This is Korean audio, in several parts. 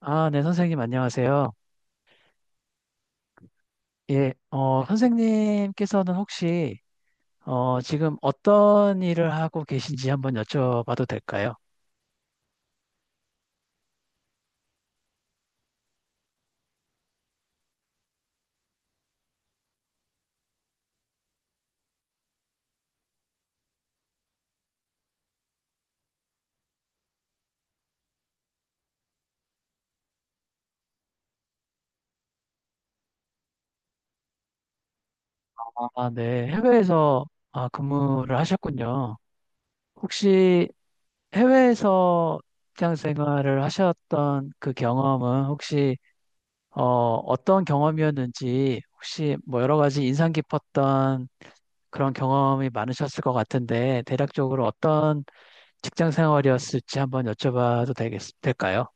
아, 네, 선생님, 안녕하세요. 예, 선생님께서는 혹시, 지금 어떤 일을 하고 계신지 한번 여쭤봐도 될까요? 아, 네, 해외에서 아, 근무를 하셨군요. 혹시 해외에서 직장 생활을 하셨던 그 경험은 혹시, 어떤 경험이었는지 혹시 뭐 여러 가지 인상 깊었던 그런 경험이 많으셨을 것 같은데, 대략적으로 어떤 직장 생활이었을지 한번 여쭤봐도 될까요?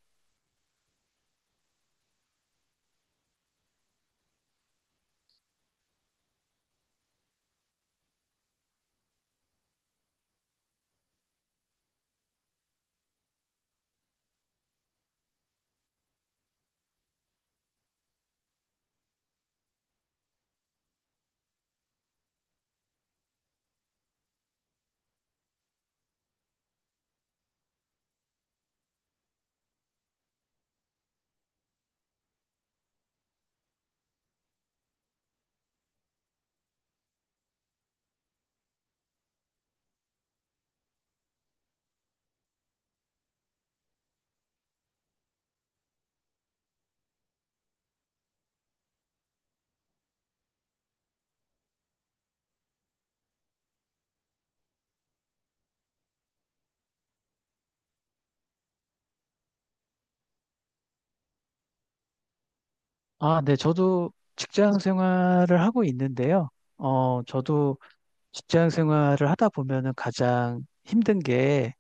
아, 네, 저도 직장 생활을 하고 있는데요. 저도 직장 생활을 하다 보면은 가장 힘든 게,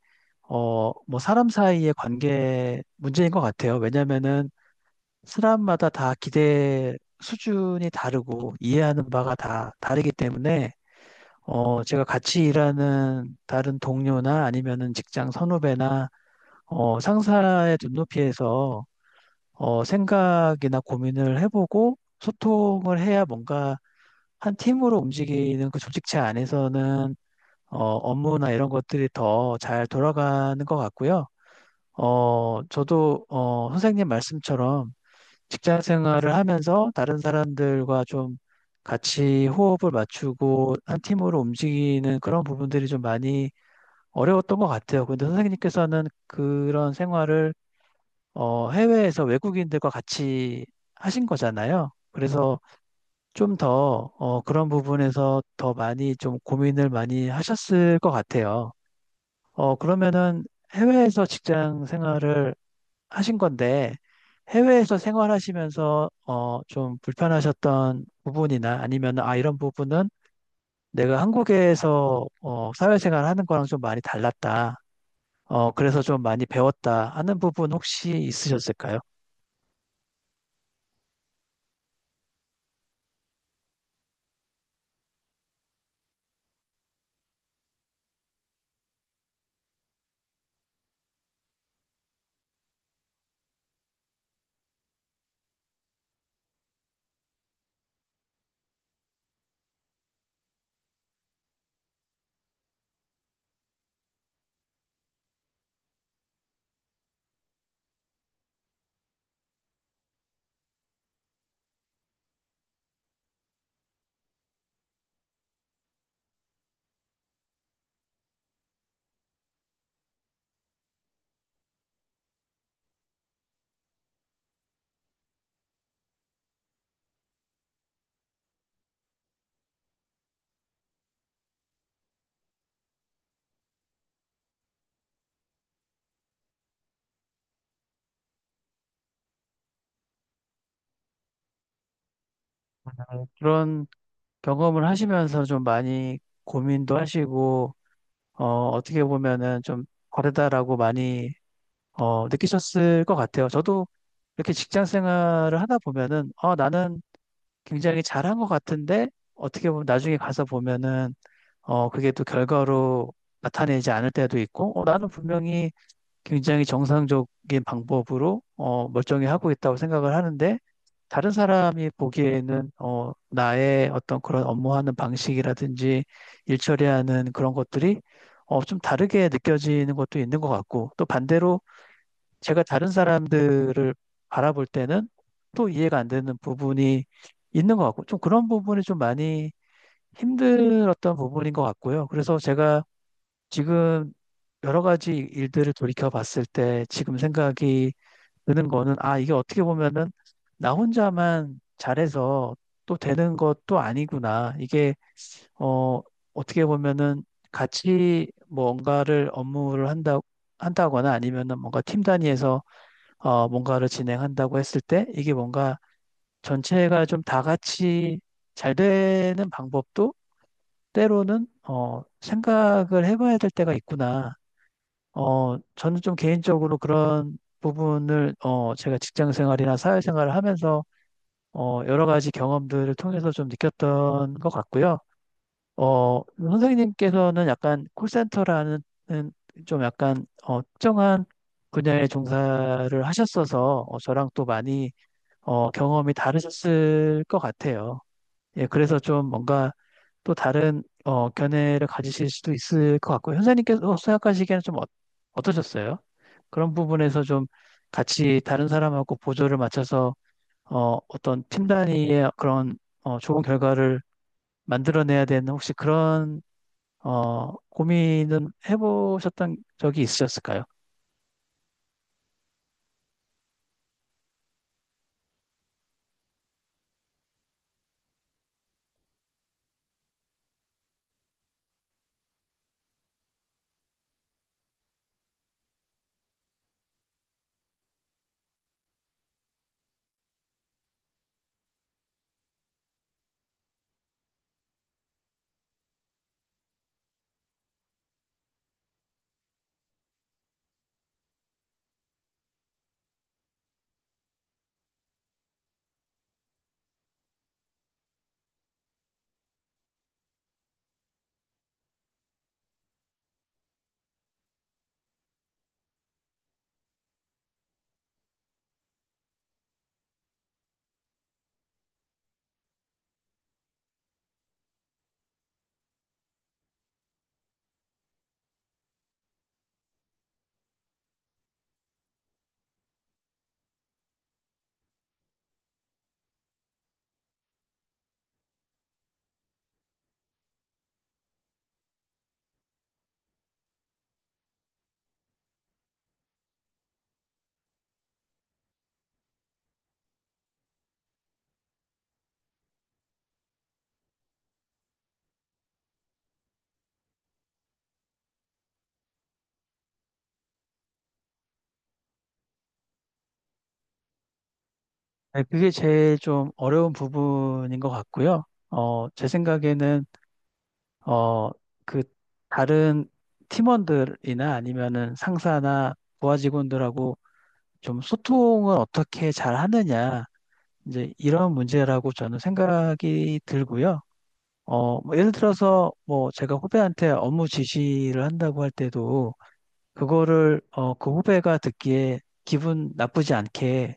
뭐 사람 사이의 관계 문제인 것 같아요. 왜냐면은 사람마다 다 기대 수준이 다르고 이해하는 바가 다 다르기 때문에, 제가 같이 일하는 다른 동료나 아니면은 직장 선후배나, 상사의 눈높이에서 생각이나 고민을 해보고 소통을 해야 뭔가 한 팀으로 움직이는 그 조직체 안에서는 업무나 이런 것들이 더 잘 돌아가는 것 같고요. 저도 선생님 말씀처럼 직장 생활을 하면서 다른 사람들과 좀 같이 호흡을 맞추고 한 팀으로 움직이는 그런 부분들이 좀 많이 어려웠던 것 같아요. 근데 선생님께서는 그런 생활을 해외에서 외국인들과 같이 하신 거잖아요. 그래서 좀 더, 그런 부분에서 더 많이 좀 고민을 많이 하셨을 것 같아요. 그러면은 해외에서 직장 생활을 하신 건데, 해외에서 생활하시면서, 좀 불편하셨던 부분이나 아니면, 아, 이런 부분은 내가 한국에서, 사회생활 하는 거랑 좀 많이 달랐다. 그래서 좀 많이 배웠다 하는 부분 혹시 있으셨을까요? 그런 경험을 하시면서 좀 많이 고민도 하시고, 어, 어떻게 보면은 좀 다르다라고 많이, 느끼셨을 것 같아요. 저도 이렇게 직장 생활을 하다 보면은, 나는 굉장히 잘한 것 같은데, 어떻게 보면 나중에 가서 보면은, 그게 또 결과로 나타내지 않을 때도 있고, 나는 분명히 굉장히 정상적인 방법으로, 멀쩡히 하고 있다고 생각을 하는데, 다른 사람이 보기에는 나의 어떤 그런 업무하는 방식이라든지 일 처리하는 그런 것들이 좀 다르게 느껴지는 것도 있는 것 같고 또 반대로 제가 다른 사람들을 바라볼 때는 또 이해가 안 되는 부분이 있는 것 같고 좀 그런 부분이 좀 많이 힘들었던 부분인 것 같고요. 그래서 제가 지금 여러 가지 일들을 돌이켜 봤을 때 지금 생각이 드는 거는 아, 이게 어떻게 보면은 나 혼자만 잘해서 또 되는 것도 아니구나. 이게 어, 어떻게 보면은 같이 뭔가를 업무를 한다거나 아니면은 뭔가 팀 단위에서 뭔가를 진행한다고 했을 때 이게 뭔가 전체가 좀 다 같이 잘 되는 방법도 때로는 생각을 해봐야 될 때가 있구나. 저는 좀 개인적으로 그런 부분을, 제가 직장 생활이나 사회 생활을 하면서, 여러 가지 경험들을 통해서 좀 느꼈던 것 같고요. 선생님께서는 약간 콜센터라는 음, 좀 약간, 특정한 분야에 종사를 하셨어서, 저랑 또 많이, 경험이 다르셨을 것 같아요. 예, 그래서 좀 뭔가 또 다른 견해를 가지실 수도 있을 것 같고 현사님께서 생각하시기에는 좀 어떠셨어요? 그런 부분에서 좀 같이 다른 사람하고 보조를 맞춰서 어떤 팀 단위의 그런 좋은 결과를 만들어내야 되는 혹시 그런 고민은 해보셨던 적이 있으셨을까요? 네, 그게 제일 좀 어려운 부분인 것 같고요. 제 생각에는 어, 그 다른 팀원들이나 아니면은 상사나 부하 직원들하고 좀 소통을 어떻게 잘 하느냐, 이제 이런 문제라고 저는 생각이 들고요. 뭐 예를 들어서 뭐 제가 후배한테 업무 지시를 한다고 할 때도 그거를 그 후배가 듣기에 기분 나쁘지 않게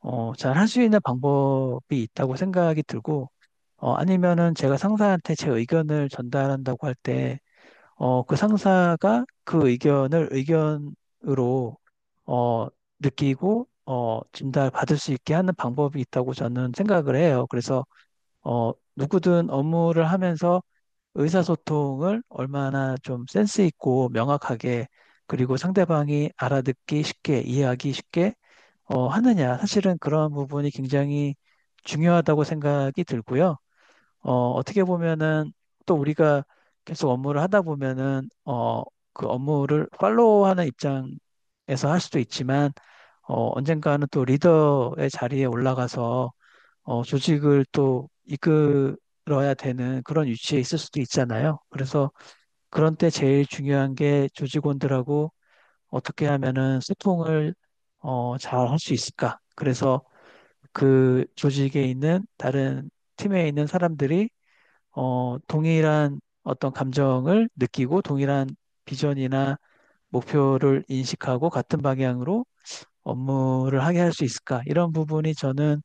잘 할 수 있는 방법이 있다고 생각이 들고, 아니면은 제가 상사한테 제 의견을 전달한다고 할때 그 상사가 그 의견을 의견으로 어, 느끼고 진단을 받을 수 있게 하는 방법이 있다고 저는 생각을 해요. 그래서 누구든 업무를 하면서 의사소통을 얼마나 좀 센스 있고 명확하게 그리고 상대방이 알아듣기 쉽게 이해하기 쉽게 하느냐. 사실은 그런 부분이 굉장히 중요하다고 생각이 들고요. 어떻게 보면은 또 우리가 계속 업무를 하다 보면은 그 업무를 팔로우하는 입장에서 할 수도 있지만 언젠가는 또 리더의 자리에 올라가서 조직을 또 이끌어야 되는 그런 위치에 있을 수도 있잖아요. 그래서 그런 때 제일 중요한 게 조직원들하고 어떻게 하면은 소통을 잘 할 수 있을까? 그래서 그 조직에 있는 다른 팀에 있는 사람들이 동일한 어떤 감정을 느끼고 동일한 비전이나 목표를 인식하고 같은 방향으로 업무를 하게 할 수 있을까? 이런 부분이 저는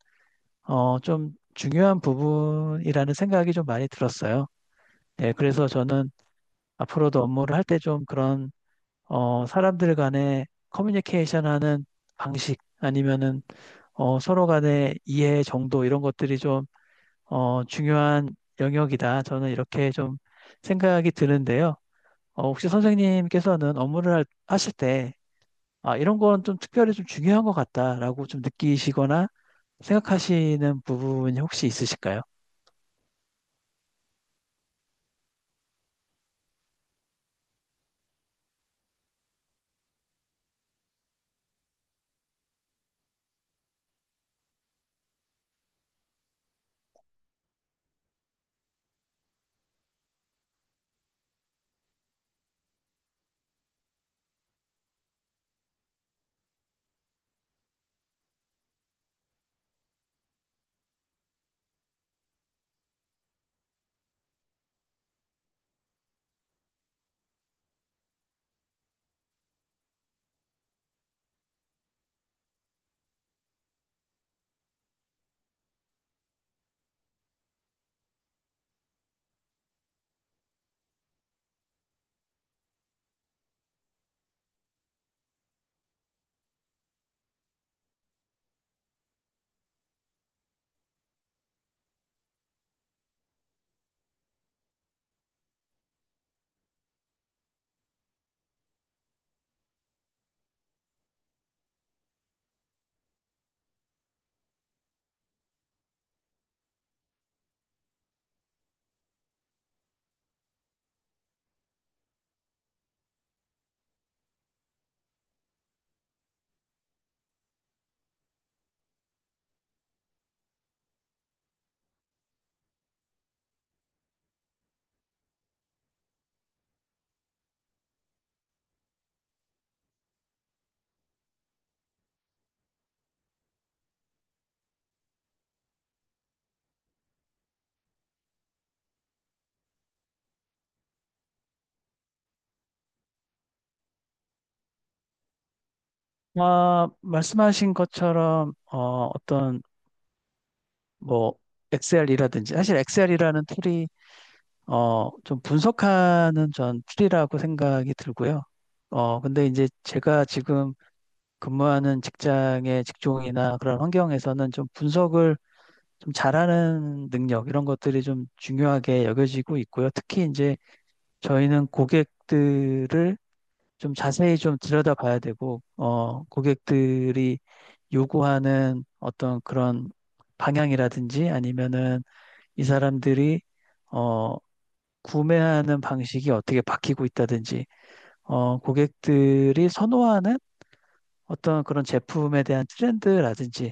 좀 중요한 부분이라는 생각이 좀 많이 들었어요. 네, 그래서 저는 앞으로도 업무를 할 때 좀 그런 사람들 간의 커뮤니케이션 하는 방식 아니면은 서로 간의 이해 정도 이런 것들이 좀 중요한 영역이다. 저는 이렇게 좀 생각이 드는데요. 혹시 선생님께서는 업무를 하실 때, 아, 이런 건 좀 특별히 좀 중요한 것 같다라고 좀 느끼시거나 생각하시는 부분이 혹시 있으실까요? 아, 말씀하신 것처럼, 어떤, 뭐, 엑셀이라든지, 사실 엑셀이라는 툴이, 좀 분석하는 전 툴이라고 생각이 들고요. 근데 이제 제가 지금 근무하는 직장의 직종이나 그런 환경에서는 좀 분석을 좀 잘하는 능력 이런 것들이 좀 중요하게 여겨지고 있고요. 특히 이제 저희는 고객들을 좀 자세히 좀 들여다봐야 되고, 고객들이 요구하는 어떤 그런 방향이라든지 아니면은 이 사람들이 어, 구매하는 방식이 어떻게 바뀌고 있다든지, 고객들이 선호하는 어떤 그런 제품에 대한 트렌드라든지,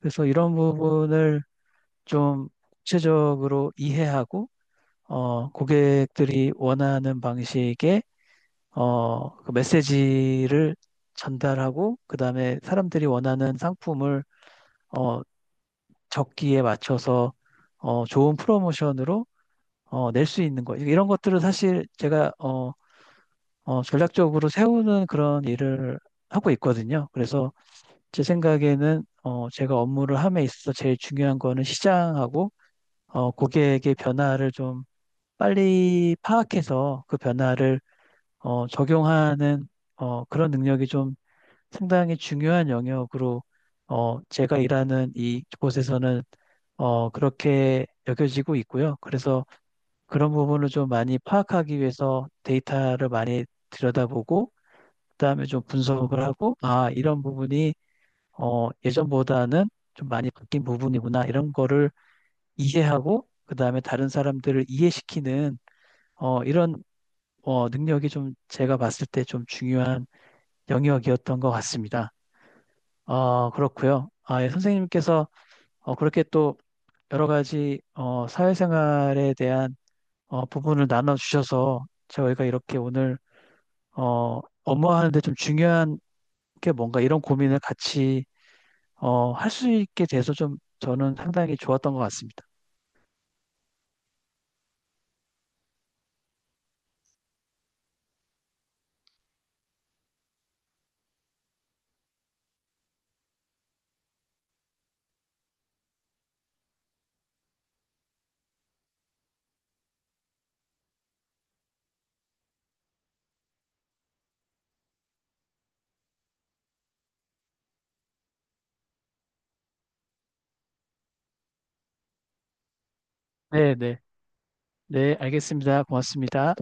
그래서 이런 부분을 좀 구체적으로 이해하고 고객들이 원하는 방식의 그 메시지를 전달하고 그다음에 사람들이 원하는 상품을 어, 적기에 맞춰서 좋은 프로모션으로 낼 수 있는 거. 이런 것들을 사실 제가 전략적으로 세우는 그런 일을 하고 있거든요. 그래서 제 생각에는 제가 업무를 함에 있어서 제일 중요한 거는 시장하고 고객의 변화를 좀 빨리 파악해서 그 변화를 적용하는 그런 능력이 좀 상당히 중요한 영역으로 제가 일하는 이 곳에서는 그렇게 여겨지고 있고요. 그래서 그런 부분을 좀 많이 파악하기 위해서 데이터를 많이 들여다보고 그다음에 좀 분석을 하고 아, 이런 부분이 예전보다는 좀 많이 바뀐 부분이구나 이런 거를 이해하고 그다음에 다른 사람들을 이해시키는 이런 능력이 좀 제가 봤을 때 좀 중요한 영역이었던 것 같습니다. 그렇고요. 아, 예, 선생님께서 그렇게 또 여러 가지 사회생활에 대한 부분을 나눠주셔서 저희가 이렇게 오늘 업무하는데 좀 중요한 게 뭔가 이런 고민을 같이 할 수 있게 돼서 좀 저는 상당히 좋았던 것 같습니다. 네, 네. 네, 알겠습니다. 고맙습니다.